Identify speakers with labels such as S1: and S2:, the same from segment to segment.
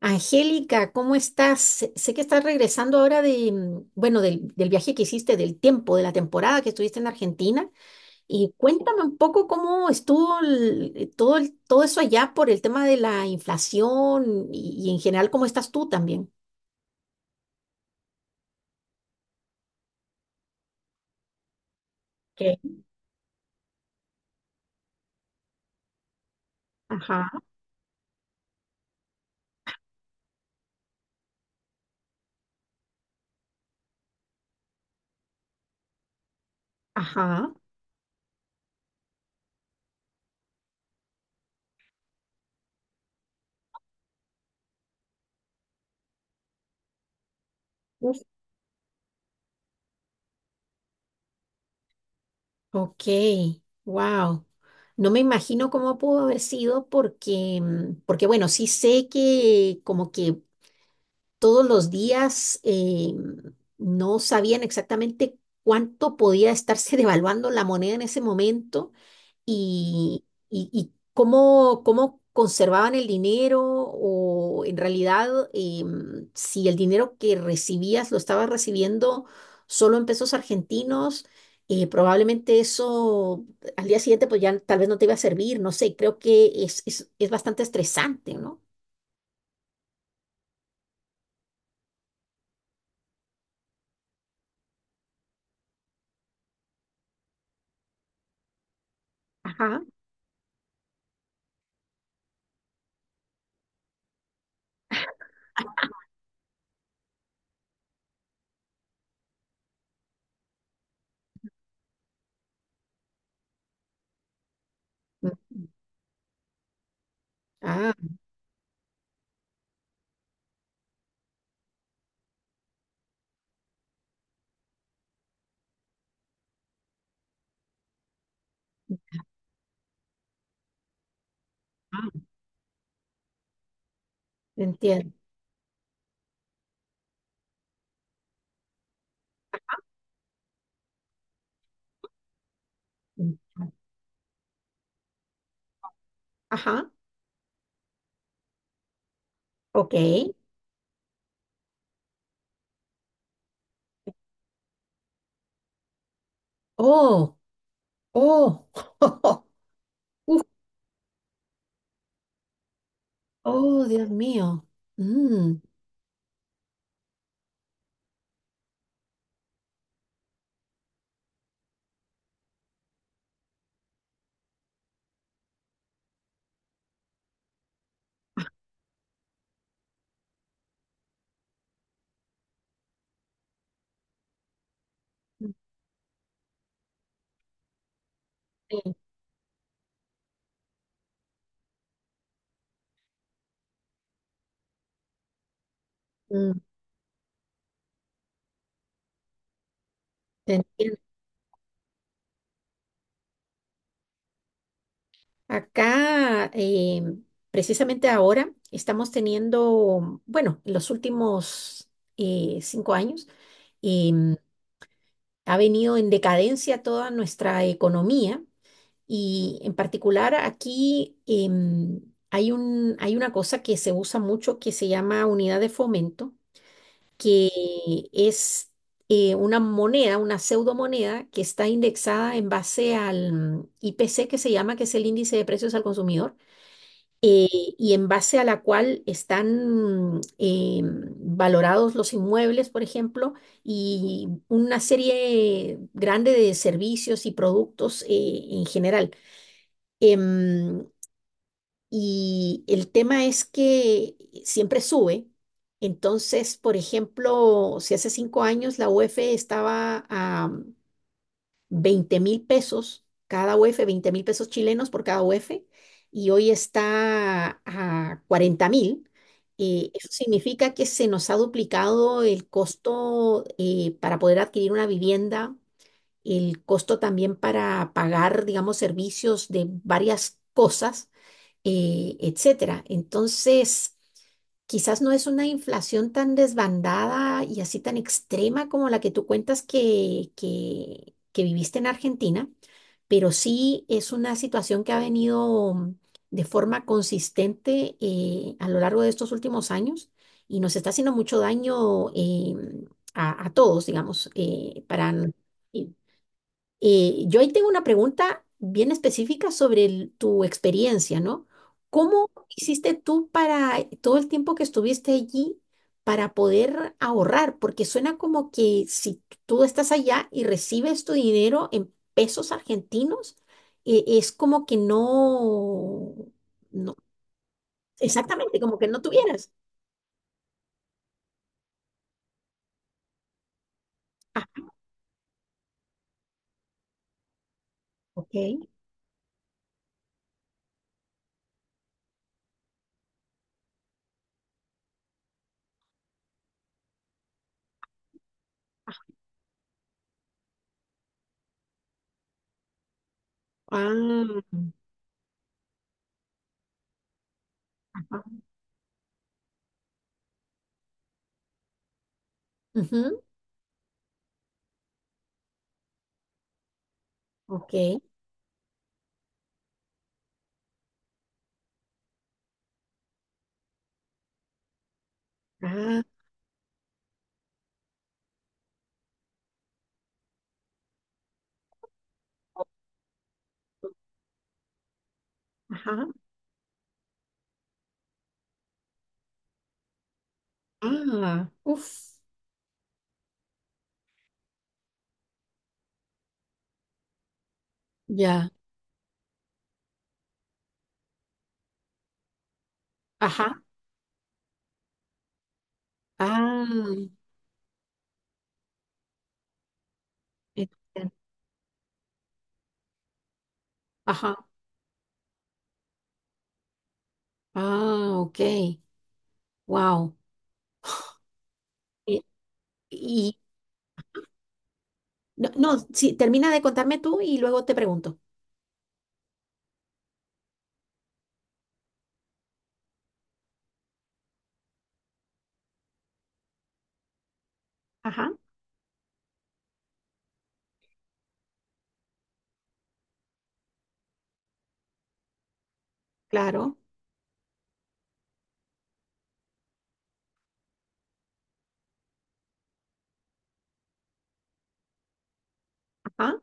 S1: Angélica, ¿cómo estás? Sé que estás regresando ahora de, mm, bueno, del, del viaje que hiciste, del tiempo, de la temporada que estuviste en Argentina. Y cuéntame un poco cómo estuvo todo eso allá por el tema de la inflación y en general cómo estás tú también. Ok. Ajá, ajá. Uf. Ok, wow. No me imagino cómo pudo haber sido porque, porque bueno, sí sé que como que todos los días no sabían exactamente cuánto podía estarse devaluando la moneda en ese momento y, y cómo, cómo conservaban el dinero o en realidad si el dinero que recibías lo estabas recibiendo solo en pesos argentinos. Probablemente eso al día siguiente pues ya tal vez no te iba a servir, no sé, creo que es bastante estresante, ¿no? Ajá. Ah, entiendo. Ajá, ok. Oh, oh, Uf, oh, Dios mío. Mm, sí, mm, te entiendo. Acá, precisamente ahora, estamos teniendo, bueno, en los últimos 5 años, em, ha venido en decadencia toda nuestra economía. Y en particular aquí em, hay un, hay una cosa que se usa mucho que se llama unidad de fomento, que es una moneda, una pseudomoneda que está indexada en base al IPC que se llama, que es el índice de precios al consumidor, eh, y en base a la cual están valorados los inmuebles, por ejemplo, y una serie grande de servicios y productos en general. Em, y el tema es que siempre sube. Entonces, por ejemplo, si hace 5 años la UF estaba a 20.000 pesos, cada UF, 20.000 pesos chilenos por cada UF, y hoy está a 40.000. Eso significa que se nos ha duplicado el costo para poder adquirir una vivienda, el costo también para pagar, digamos, servicios de varias cosas etcétera. Entonces, quizás no es una inflación tan desbandada y así tan extrema como la que tú cuentas que viviste en Argentina, pero sí es una situación que ha venido de forma consistente a lo largo de estos últimos años y nos está haciendo mucho daño a todos, digamos, para... Sí. Yo ahí tengo una pregunta bien específica sobre tu experiencia, ¿no? ¿Cómo hiciste tú para todo el tiempo que estuviste allí para poder ahorrar? Porque suena como que si tú estás allá y recibes tu dinero en pesos argentinos, es como que no, no, exactamente, como que no tuvieras. Ah, ok. Ah, ajá. Ujú, ok. Ah, ajá. Ah, uff. Ya, ajá, ah, entiendo. Ajá, ah, ok, wow. Y, y- no, no, sí, termina de contarme tú y luego te pregunto. Ajá, claro, ajá,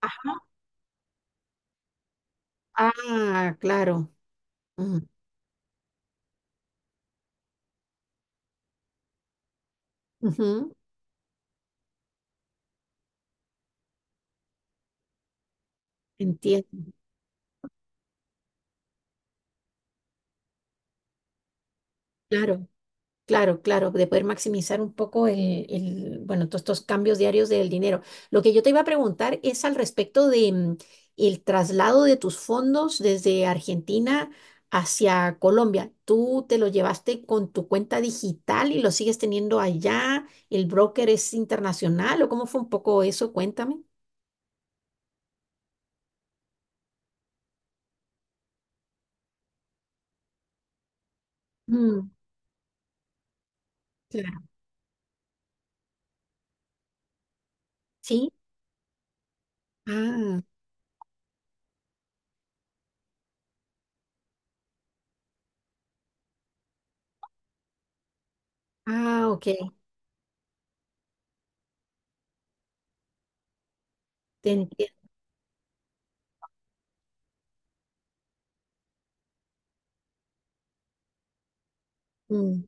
S1: ajá, ah, claro, mm, ujú, entiendo, claro. Claro, claro, de poder maximizar un poco bueno, todos estos cambios diarios del dinero. Lo que yo te iba a preguntar es al respecto de el traslado de tus fondos desde Argentina hacia Colombia. ¿Tú te lo llevaste con tu cuenta digital y lo sigues teniendo allá? ¿El broker es internacional o cómo fue un poco eso? Cuéntame. Mm, claro. Sí. Ah, ah, ok. Te entiendo. Mm,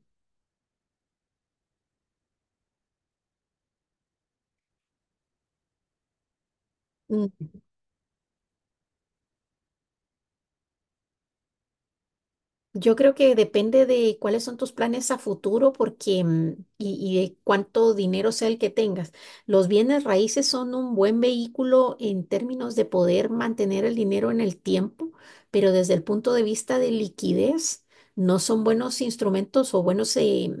S1: mm. Yo creo que depende de cuáles son tus planes a futuro porque, mm, y de cuánto dinero sea el que tengas. Los bienes raíces son un buen vehículo en términos de poder mantener el dinero en el tiempo, pero desde el punto de vista de liquidez, no son buenos instrumentos o buenos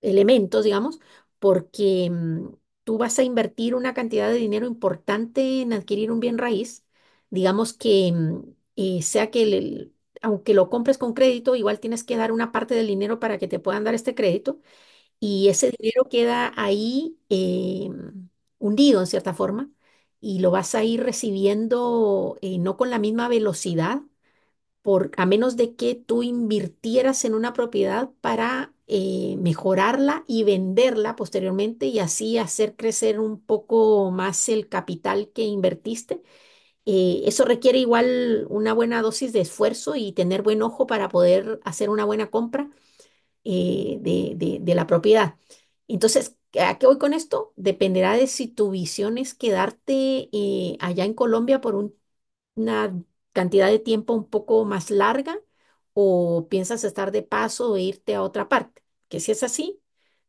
S1: elementos, digamos, porque tú vas a invertir una cantidad de dinero importante en adquirir un bien raíz, digamos que sea que aunque lo compres con crédito, igual tienes que dar una parte del dinero para que te puedan dar este crédito y ese dinero queda ahí hundido en cierta forma y lo vas a ir recibiendo no con la misma velocidad por, a menos de que tú invirtieras en una propiedad para mejorarla y venderla posteriormente y así hacer crecer un poco más el capital que invertiste. Eso requiere igual una buena dosis de esfuerzo y tener buen ojo para poder hacer una buena compra de la propiedad. Entonces, ¿a qué voy con esto? Dependerá de si tu visión es quedarte allá en Colombia por un una cantidad de tiempo un poco más larga o piensas estar de paso o irte a otra parte. Que si es así,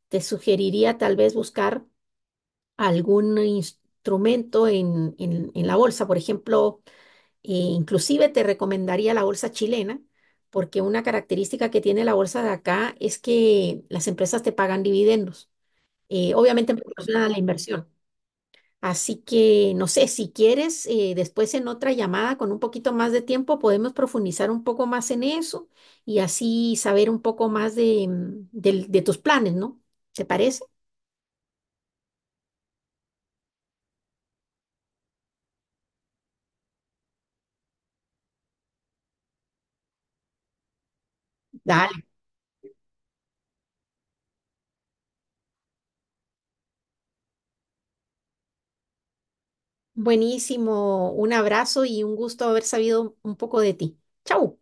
S1: te sugeriría tal vez buscar algún instrumento en, en la bolsa. Por ejemplo, inclusive te recomendaría la bolsa chilena, porque una característica que tiene la bolsa de acá es que las empresas te pagan dividendos. Obviamente en proporción a la inversión. Así que, no sé, si quieres, después en otra llamada con un poquito más de tiempo podemos profundizar un poco más en eso y así saber un poco más de, de tus planes, ¿no? ¿Te parece? Dale. Buenísimo. Un abrazo y un gusto haber sabido un poco de ti. Chau.